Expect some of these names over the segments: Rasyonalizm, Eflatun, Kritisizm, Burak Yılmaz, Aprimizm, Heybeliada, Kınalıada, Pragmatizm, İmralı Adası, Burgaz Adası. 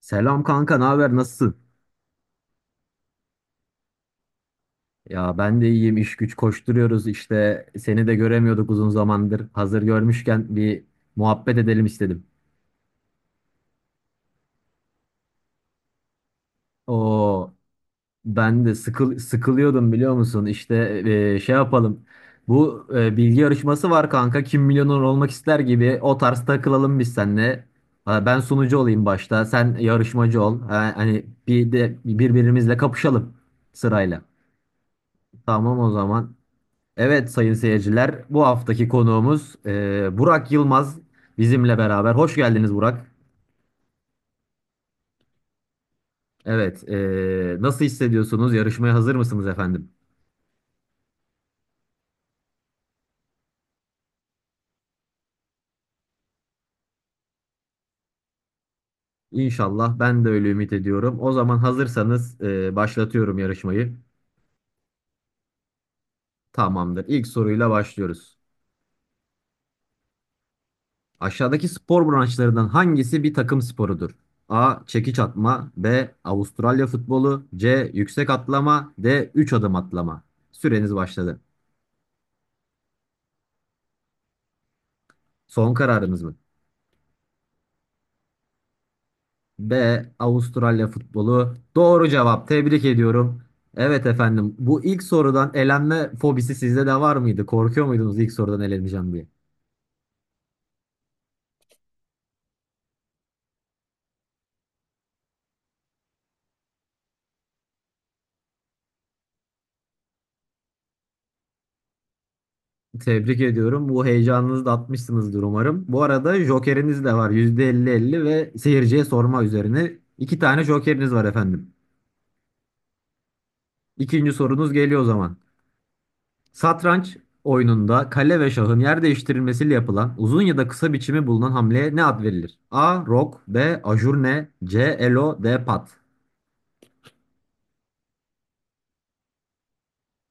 Selam kanka, ne haber? Nasılsın? Ya ben de iyiyim. İş güç koşturuyoruz işte. Seni de göremiyorduk uzun zamandır. Hazır görmüşken bir muhabbet edelim istedim. O ben de sıkılıyordum biliyor musun? İşte şey yapalım. Bu bilgi yarışması var kanka. Kim milyoner olmak ister gibi o tarz takılalım biz seninle. Ha, ben sunucu olayım başta. Sen yarışmacı ol. Ha, hani bir de birbirimizle kapışalım sırayla. Tamam o zaman. Evet sayın seyirciler, bu haftaki konuğumuz Burak Yılmaz bizimle beraber. Hoş geldiniz Burak. Evet, nasıl hissediyorsunuz? Yarışmaya hazır mısınız efendim? İnşallah ben de öyle ümit ediyorum. O zaman hazırsanız başlatıyorum yarışmayı. Tamamdır. İlk soruyla başlıyoruz. Aşağıdaki spor branşlarından hangisi bir takım sporudur? A. Çekiç atma, B. Avustralya futbolu, C. Yüksek atlama, D. Üç adım atlama. Süreniz başladı. Son kararınız mı? B. Avustralya futbolu. Doğru cevap. Tebrik ediyorum. Evet efendim. Bu ilk sorudan elenme fobisi sizde de var mıydı? Korkuyor muydunuz ilk sorudan eleneceğim diye? Tebrik ediyorum. Bu heyecanınızı da atmışsınızdır umarım. Bu arada jokeriniz de var. %50 %50 ve seyirciye sorma üzerine. İki tane jokeriniz var efendim. İkinci sorunuz geliyor o zaman. Satranç oyununda kale ve şahın yer değiştirilmesiyle yapılan uzun ya da kısa biçimi bulunan hamleye ne ad verilir? A. Rok, B. Ajurne, C. Elo, D. Pat.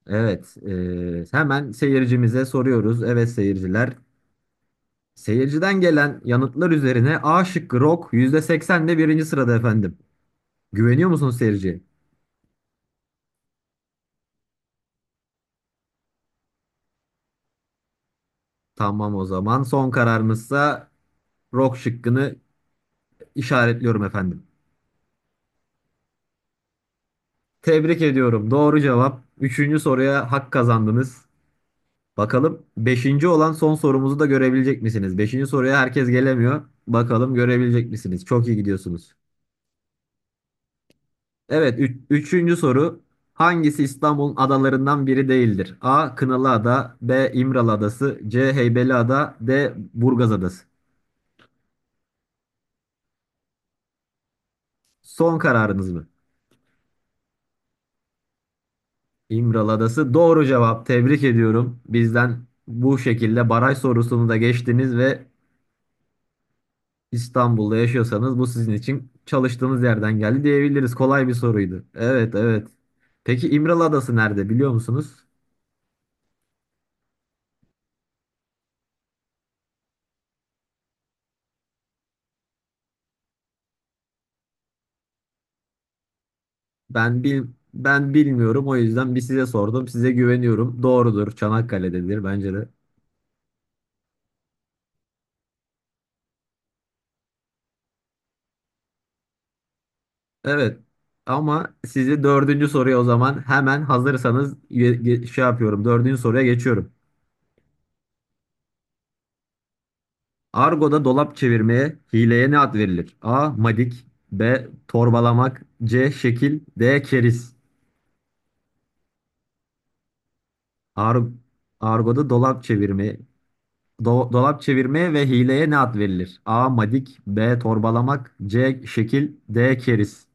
Evet, hemen seyircimize soruyoruz. Evet seyirciler. Seyirciden gelen yanıtlar üzerine A şıkkı Rok %80 de birinci sırada efendim. Güveniyor musunuz seyirciye? Tamam o zaman son kararınızsa Rok şıkkını işaretliyorum efendim. Tebrik ediyorum. Doğru cevap. Üçüncü soruya hak kazandınız. Bakalım beşinci olan son sorumuzu da görebilecek misiniz? Beşinci soruya herkes gelemiyor. Bakalım görebilecek misiniz? Çok iyi gidiyorsunuz. Evet, üçüncü soru. Hangisi İstanbul'un adalarından biri değildir? A. Kınalıada, B. İmralı Adası, C. Heybeliada, D. Burgaz Adası. Son kararınız mı? İmralı Adası doğru cevap. Tebrik ediyorum. Bizden bu şekilde baraj sorusunu da geçtiniz ve İstanbul'da yaşıyorsanız bu sizin için çalıştığınız yerden geldi diyebiliriz. Kolay bir soruydu. Evet, evet. Peki İmralı Adası nerede biliyor musunuz? Ben bil ben bilmiyorum o yüzden bir size sordum. Size güveniyorum. Doğrudur. Çanakkale'dedir bence de. Evet. Ama sizi dördüncü soruya o zaman hemen hazırsanız şey yapıyorum. Dördüncü soruya geçiyorum. Argo'da dolap çevirmeye, hileye ne ad verilir? A. Madik, B. Torbalamak, C. Şekil, D. Keriz. Ar Argo'da dolap çevirme, dolap çevirmeye ve hileye ne ad verilir? A. Madik, B. Torbalamak, C. Şekil, D. Keriz.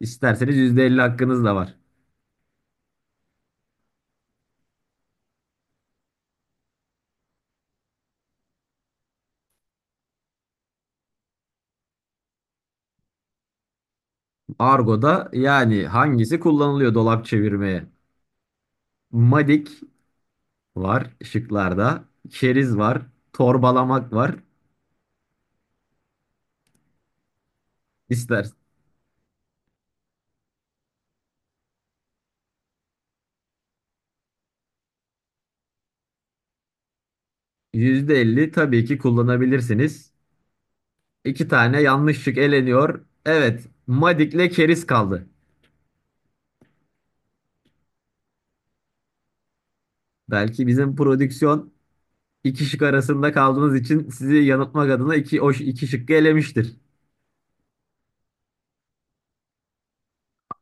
İsterseniz %50 hakkınız da var. Argo'da yani hangisi kullanılıyor dolap çevirmeye? Madik var şıklarda, keriz var, torbalamak var. İster %50 tabii ki kullanabilirsiniz. İki tane yanlış şık eleniyor. Evet, Madik'le keriz kaldı. Belki bizim prodüksiyon İki şık arasında kaldığınız için sizi yanıltmak adına iki şıkkı elemiştir.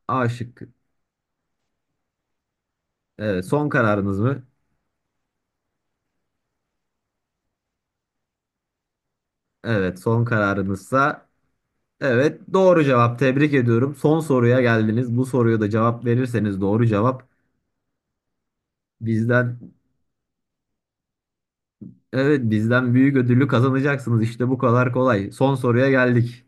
A şıkkı. Evet, son kararınız mı? Evet, son kararınızsa evet doğru cevap. Tebrik ediyorum. Son soruya geldiniz. Bu soruya da cevap verirseniz doğru cevap bizden evet bizden büyük ödülü kazanacaksınız. İşte bu kadar kolay. Son soruya geldik.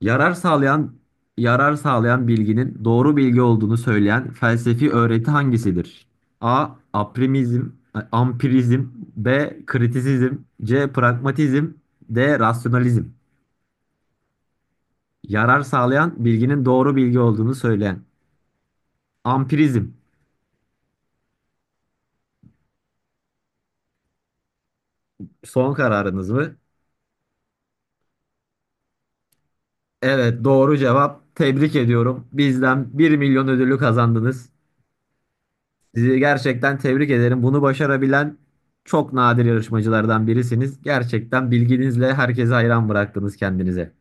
Yarar sağlayan yarar sağlayan bilginin doğru bilgi olduğunu söyleyen felsefi öğreti hangisidir? A. Aprimizm, ampirizm, B. Kritisizm, C. Pragmatizm, D. Rasyonalizm. Yarar sağlayan bilginin doğru bilgi olduğunu söyleyen. Ampirizm. Son kararınız mı? Evet, doğru cevap. Tebrik ediyorum. Bizden 1.000.000 ödülü kazandınız. Sizi gerçekten tebrik ederim. Bunu başarabilen çok nadir yarışmacılardan birisiniz. Gerçekten bilginizle herkese hayran bıraktınız kendinize.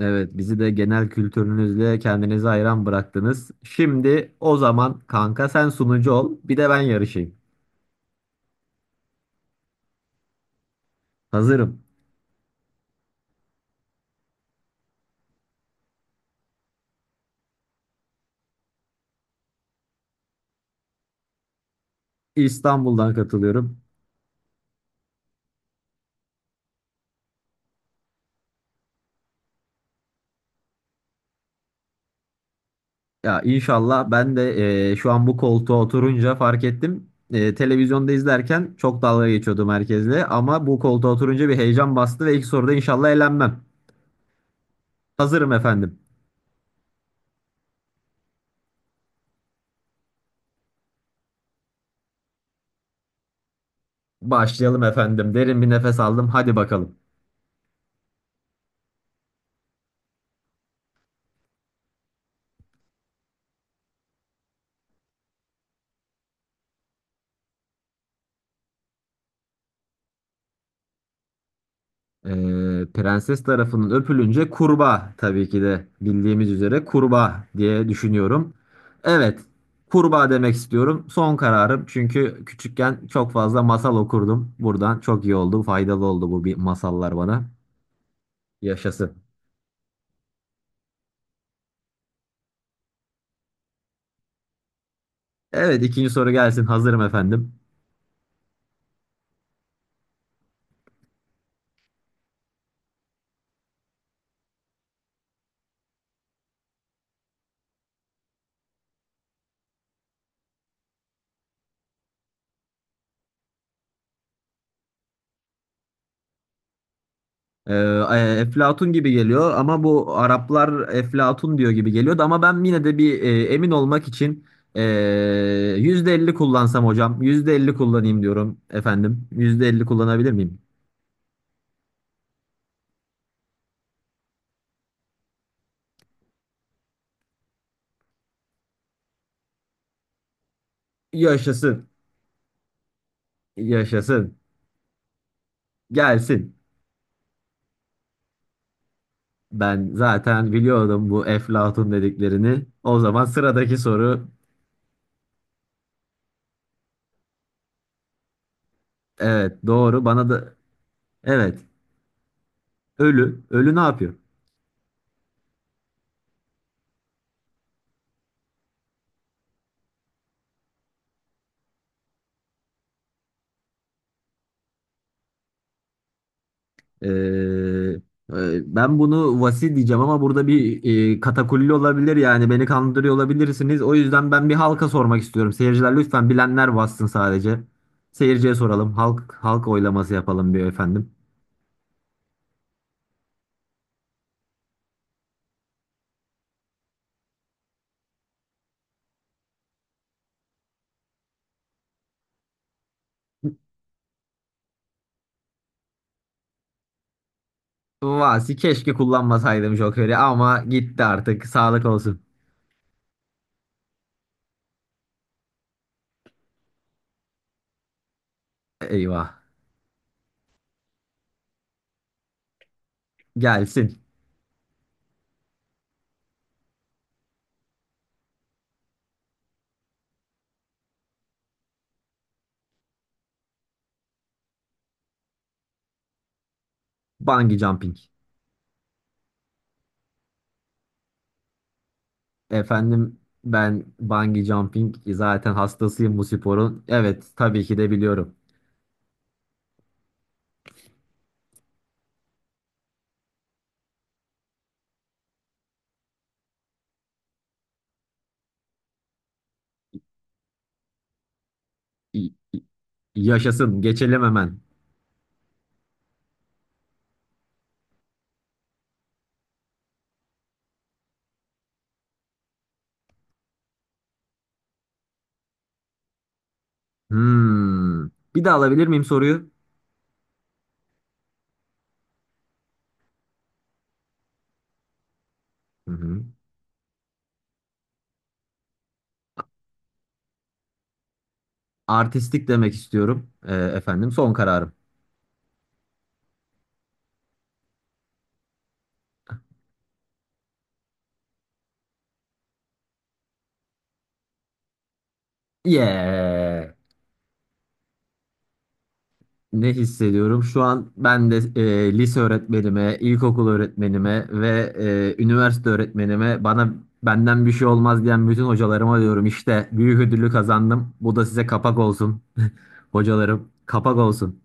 Evet, bizi de genel kültürünüzle kendinize hayran bıraktınız. Şimdi o zaman kanka sen sunucu ol, bir de ben yarışayım. Hazırım. İstanbul'dan katılıyorum. Ya inşallah ben de şu an bu koltuğa oturunca fark ettim. Televizyonda izlerken çok dalga geçiyordum herkesle ama bu koltuğa oturunca bir heyecan bastı ve ilk soruda inşallah elenmem. Hazırım efendim. Başlayalım efendim. Derin bir nefes aldım. Hadi bakalım. Ee, prenses tarafının öpülünce kurbağa tabii ki de bildiğimiz üzere kurbağa diye düşünüyorum. Evet, kurbağa demek istiyorum. Son kararım çünkü küçükken çok fazla masal okurdum. Buradan çok iyi oldu, faydalı oldu bu bir masallar bana. Yaşasın. Evet, ikinci soru gelsin. Hazırım efendim. Ee, Eflatun gibi geliyor ama bu Araplar Eflatun diyor gibi geliyordu ama ben yine de bir emin olmak için e, %50 kullansam hocam %50 kullanayım diyorum efendim %50 kullanabilir miyim? Yaşasın, yaşasın. Gelsin. Ben zaten biliyordum bu Eflatun dediklerini. O zaman sıradaki soru. Evet doğru. Bana da evet. Ölü ne yapıyor? Ee, Ben bunu vasi diyeceğim ama burada bir katakulli olabilir yani beni kandırıyor olabilirsiniz. O yüzden ben bir halka sormak istiyorum. Seyirciler lütfen bilenler bassın sadece. Seyirciye soralım. Halk oylaması yapalım bir efendim. Vasi keşke kullanmasaydım Joker'i ama gitti artık. Sağlık olsun. Eyvah. Gelsin. Bungee jumping. Efendim ben bungee jumping zaten hastasıyım bu sporun. Evet tabii ki de biliyorum. Yaşasın. Geçelim hemen. Hmm. Bir daha alabilir miyim soruyu? Hı hı. Artistik demek istiyorum. Efendim son kararım. Yeah. Ne hissediyorum? Şu an ben de lise öğretmenime, ilkokul öğretmenime ve üniversite öğretmenime, bana benden bir şey olmaz diyen bütün hocalarıma diyorum işte büyük ödülü kazandım. Bu da size kapak olsun. Hocalarım kapak olsun.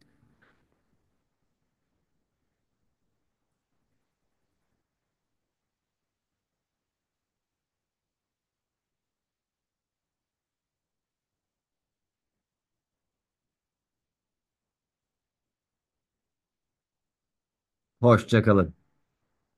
Hoşça kalın.